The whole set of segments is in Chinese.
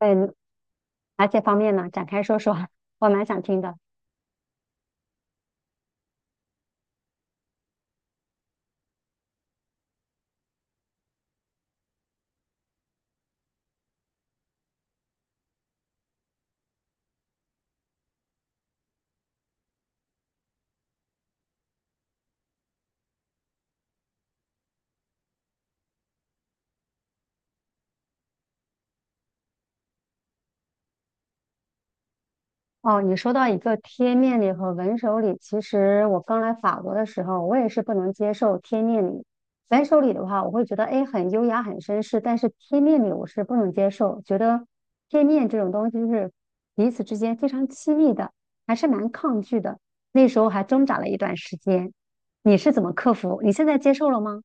对，哪些方面呢？展开说说，我蛮想听的。哦，你说到一个贴面礼和文手礼，其实我刚来法国的时候，我也是不能接受贴面礼。文手礼的话，我会觉得哎很优雅、很绅士，但是贴面礼我是不能接受，觉得贴面这种东西是彼此之间非常亲密的，还是蛮抗拒的。那时候还挣扎了一段时间。你是怎么克服？你现在接受了吗？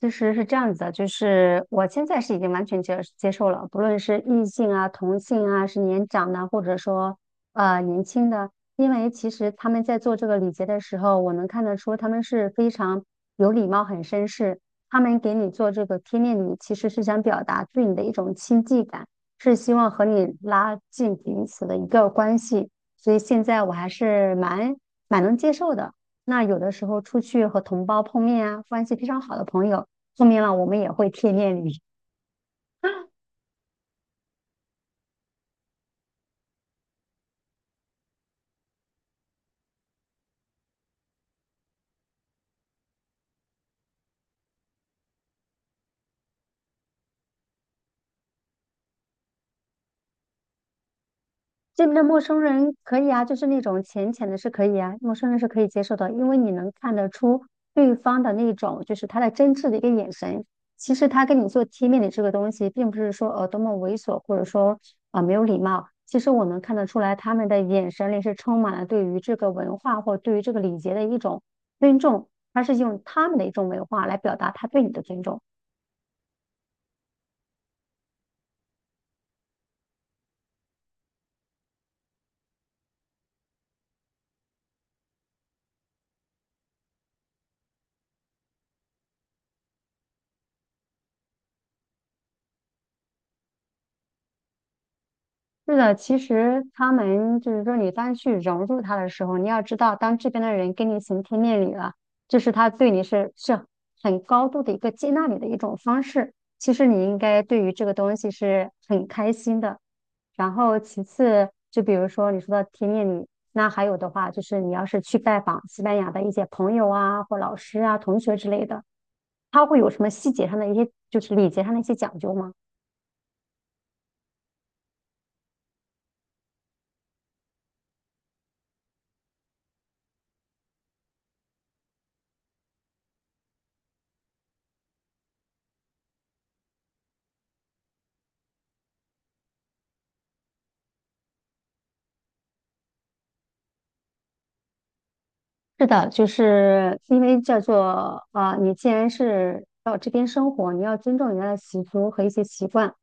其实是这样子的，就是我现在是已经完全接受了，不论是异性啊、同性啊，是年长的，或者说年轻的，因为其实他们在做这个礼节的时候，我能看得出他们是非常有礼貌、很绅士。他们给你做这个贴面礼，其实是想表达对你的一种亲近感，是希望和你拉近彼此的一个关系。所以现在我还是蛮能接受的。那有的时候出去和同胞碰面啊，关系非常好的朋友。说明了我们也会贴面礼。这边的陌生人可以啊，就是那种浅浅的是可以啊，陌生人是可以接受的，因为你能看得出对方的那种就是他的真挚的一个眼神。其实他跟你做贴面礼这个东西，并不是说多么猥琐，或者说啊、没有礼貌。其实我能看得出来，他们的眼神里是充满了对于这个文化或对于这个礼节的一种尊重，他是用他们的一种文化来表达他对你的尊重。是的，其实他们就是说，你当去融入他的时候，你要知道，当这边的人跟你行天面礼了，就是他对你是很高度的一个接纳你的一种方式。其实你应该对于这个东西是很开心的。然后其次，就比如说你说的贴面礼，那还有的话就是你要是去拜访西班牙的一些朋友啊，或老师啊、同学之类的，他会有什么细节上的一些，就是礼节上的一些讲究吗？是的，就是因为叫做啊、你既然是到这边生活，你要尊重人家的习俗和一些习惯。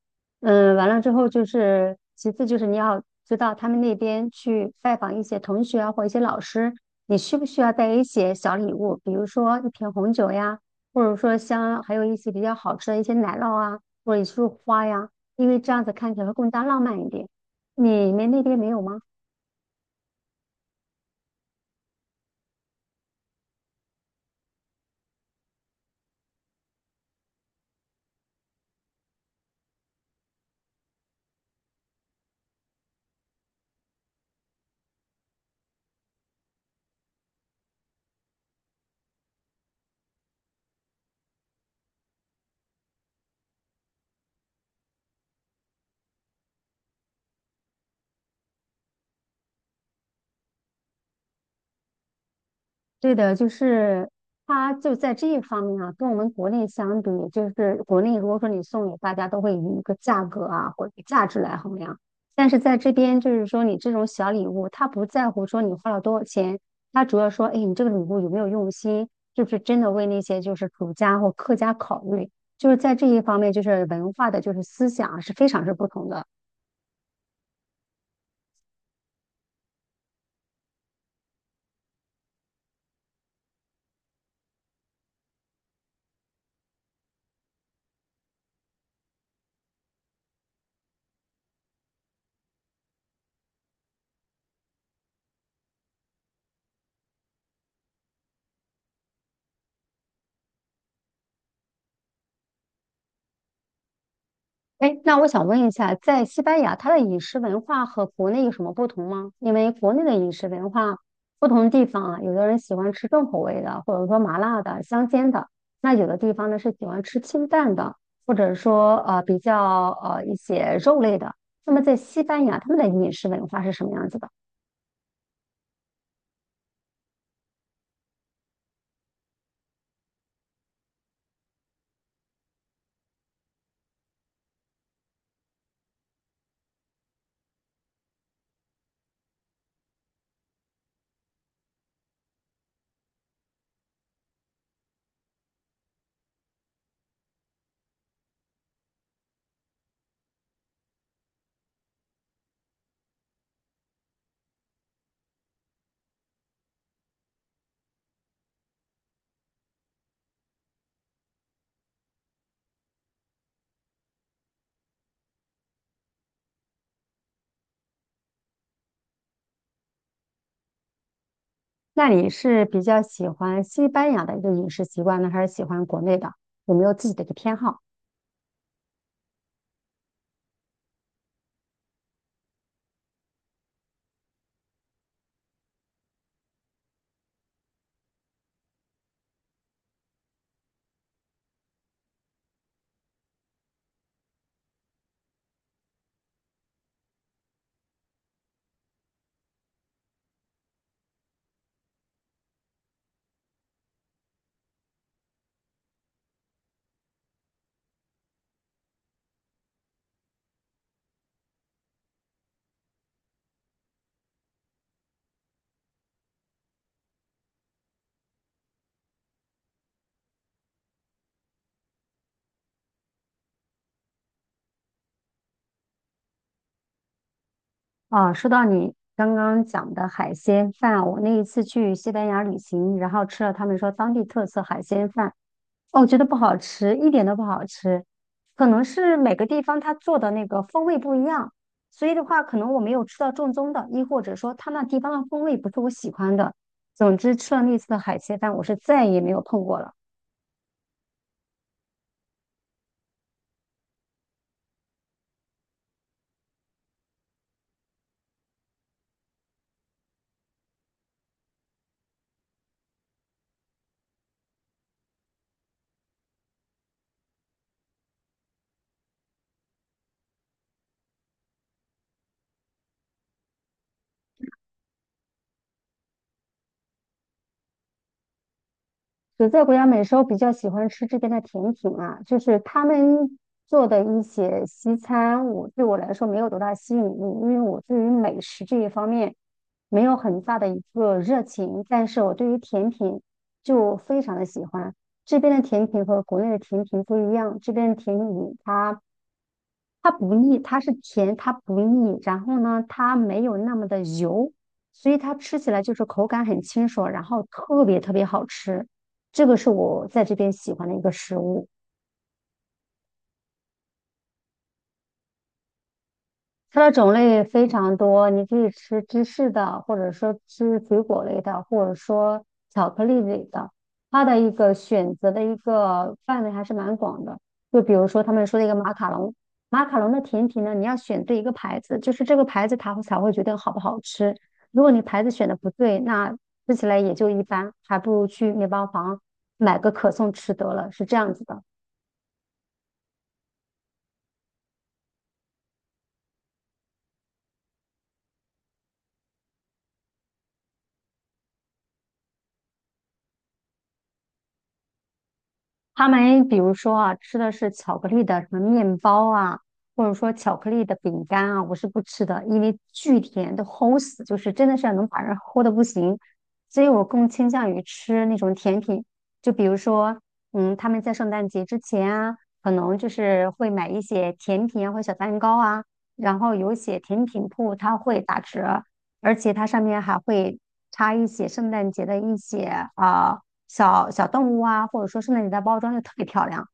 嗯，完了之后就是，其次就是你要知道他们那边去拜访一些同学啊，或一些老师，你需不需要带一些小礼物，比如说一瓶红酒呀，或者说像还有一些比较好吃的一些奶酪啊，或者一束花呀，因为这样子看起来会更加浪漫一点。你们那边没有吗？对的，就是它就在这一方面啊，跟我们国内相比，就是国内如果说你送礼，大家都会以一个价格啊或者价值来衡量，但是在这边就是说你这种小礼物，他不在乎说你花了多少钱，他主要说，哎，你这个礼物有没有用心，是不是真的为那些就是主家或客家考虑，就是在这一方面，就是文化的就是思想啊是非常是不同的。哎，那我想问一下，在西班牙，它的饮食文化和国内有什么不同吗？因为国内的饮食文化，不同地方啊，有的人喜欢吃重口味的，或者说麻辣的、香煎的；那有的地方呢是喜欢吃清淡的，或者说比较一些肉类的。那么在西班牙，他们的饮食文化是什么样子的？那你是比较喜欢西班牙的一个饮食习惯呢，还是喜欢国内的？有没有自己的一个偏好？啊，说到你刚刚讲的海鲜饭，我那一次去西班牙旅行，然后吃了他们说当地特色海鲜饭，哦，我觉得不好吃，一点都不好吃，可能是每个地方它做的那个风味不一样，所以的话，可能我没有吃到正宗的，亦或者说他那地方的风味不是我喜欢的。总之，吃了那次的海鲜饭，我是再也没有碰过了。所在国家美食，我比较喜欢吃这边的甜品啊，就是他们做的一些西餐，我对我来说没有多大吸引力，因为我对于美食这一方面没有很大的一个热情，但是我对于甜品就非常的喜欢。这边的甜品和国内的甜品不一样，这边的甜品它不腻，它是甜，它不腻，然后呢，它没有那么的油，所以它吃起来就是口感很清爽，然后特别特别好吃。这个是我在这边喜欢的一个食物。它的种类非常多，你可以吃芝士的，或者说吃水果类的，或者说巧克力类的。它的一个选择的一个范围还是蛮广的。就比如说他们说的一个马卡龙，马卡龙的甜品呢，你要选对一个牌子，就是这个牌子它才会决定好不好吃。如果你牌子选的不对，那吃起来也就一般，还不如去面包房买个可颂吃得了，是这样子的。他们比如说啊，吃的是巧克力的什么面包啊，或者说巧克力的饼干啊，我是不吃的，因为巨甜都齁死，就是真的是能把人齁的不行。所以我更倾向于吃那种甜品，就比如说，嗯，他们在圣诞节之前啊，可能就是会买一些甜品啊或小蛋糕啊，然后有一些甜品铺它会打折，而且它上面还会插一些圣诞节的一些啊。小小动物啊，或者说是那里的包装就特别漂亮。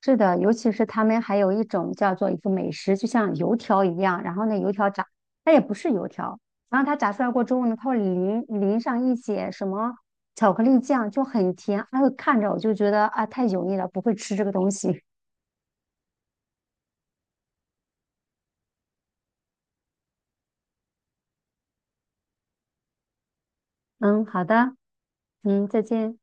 是的，尤其是他们还有一种叫做一个美食，就像油条一样，然后那油条炸，它也不是油条，然后它炸出来过之后呢，它会淋上一些什么巧克力酱，就很甜。哎呦，看着我就觉得啊，太油腻了，不会吃这个东西。嗯，好的，嗯，再见。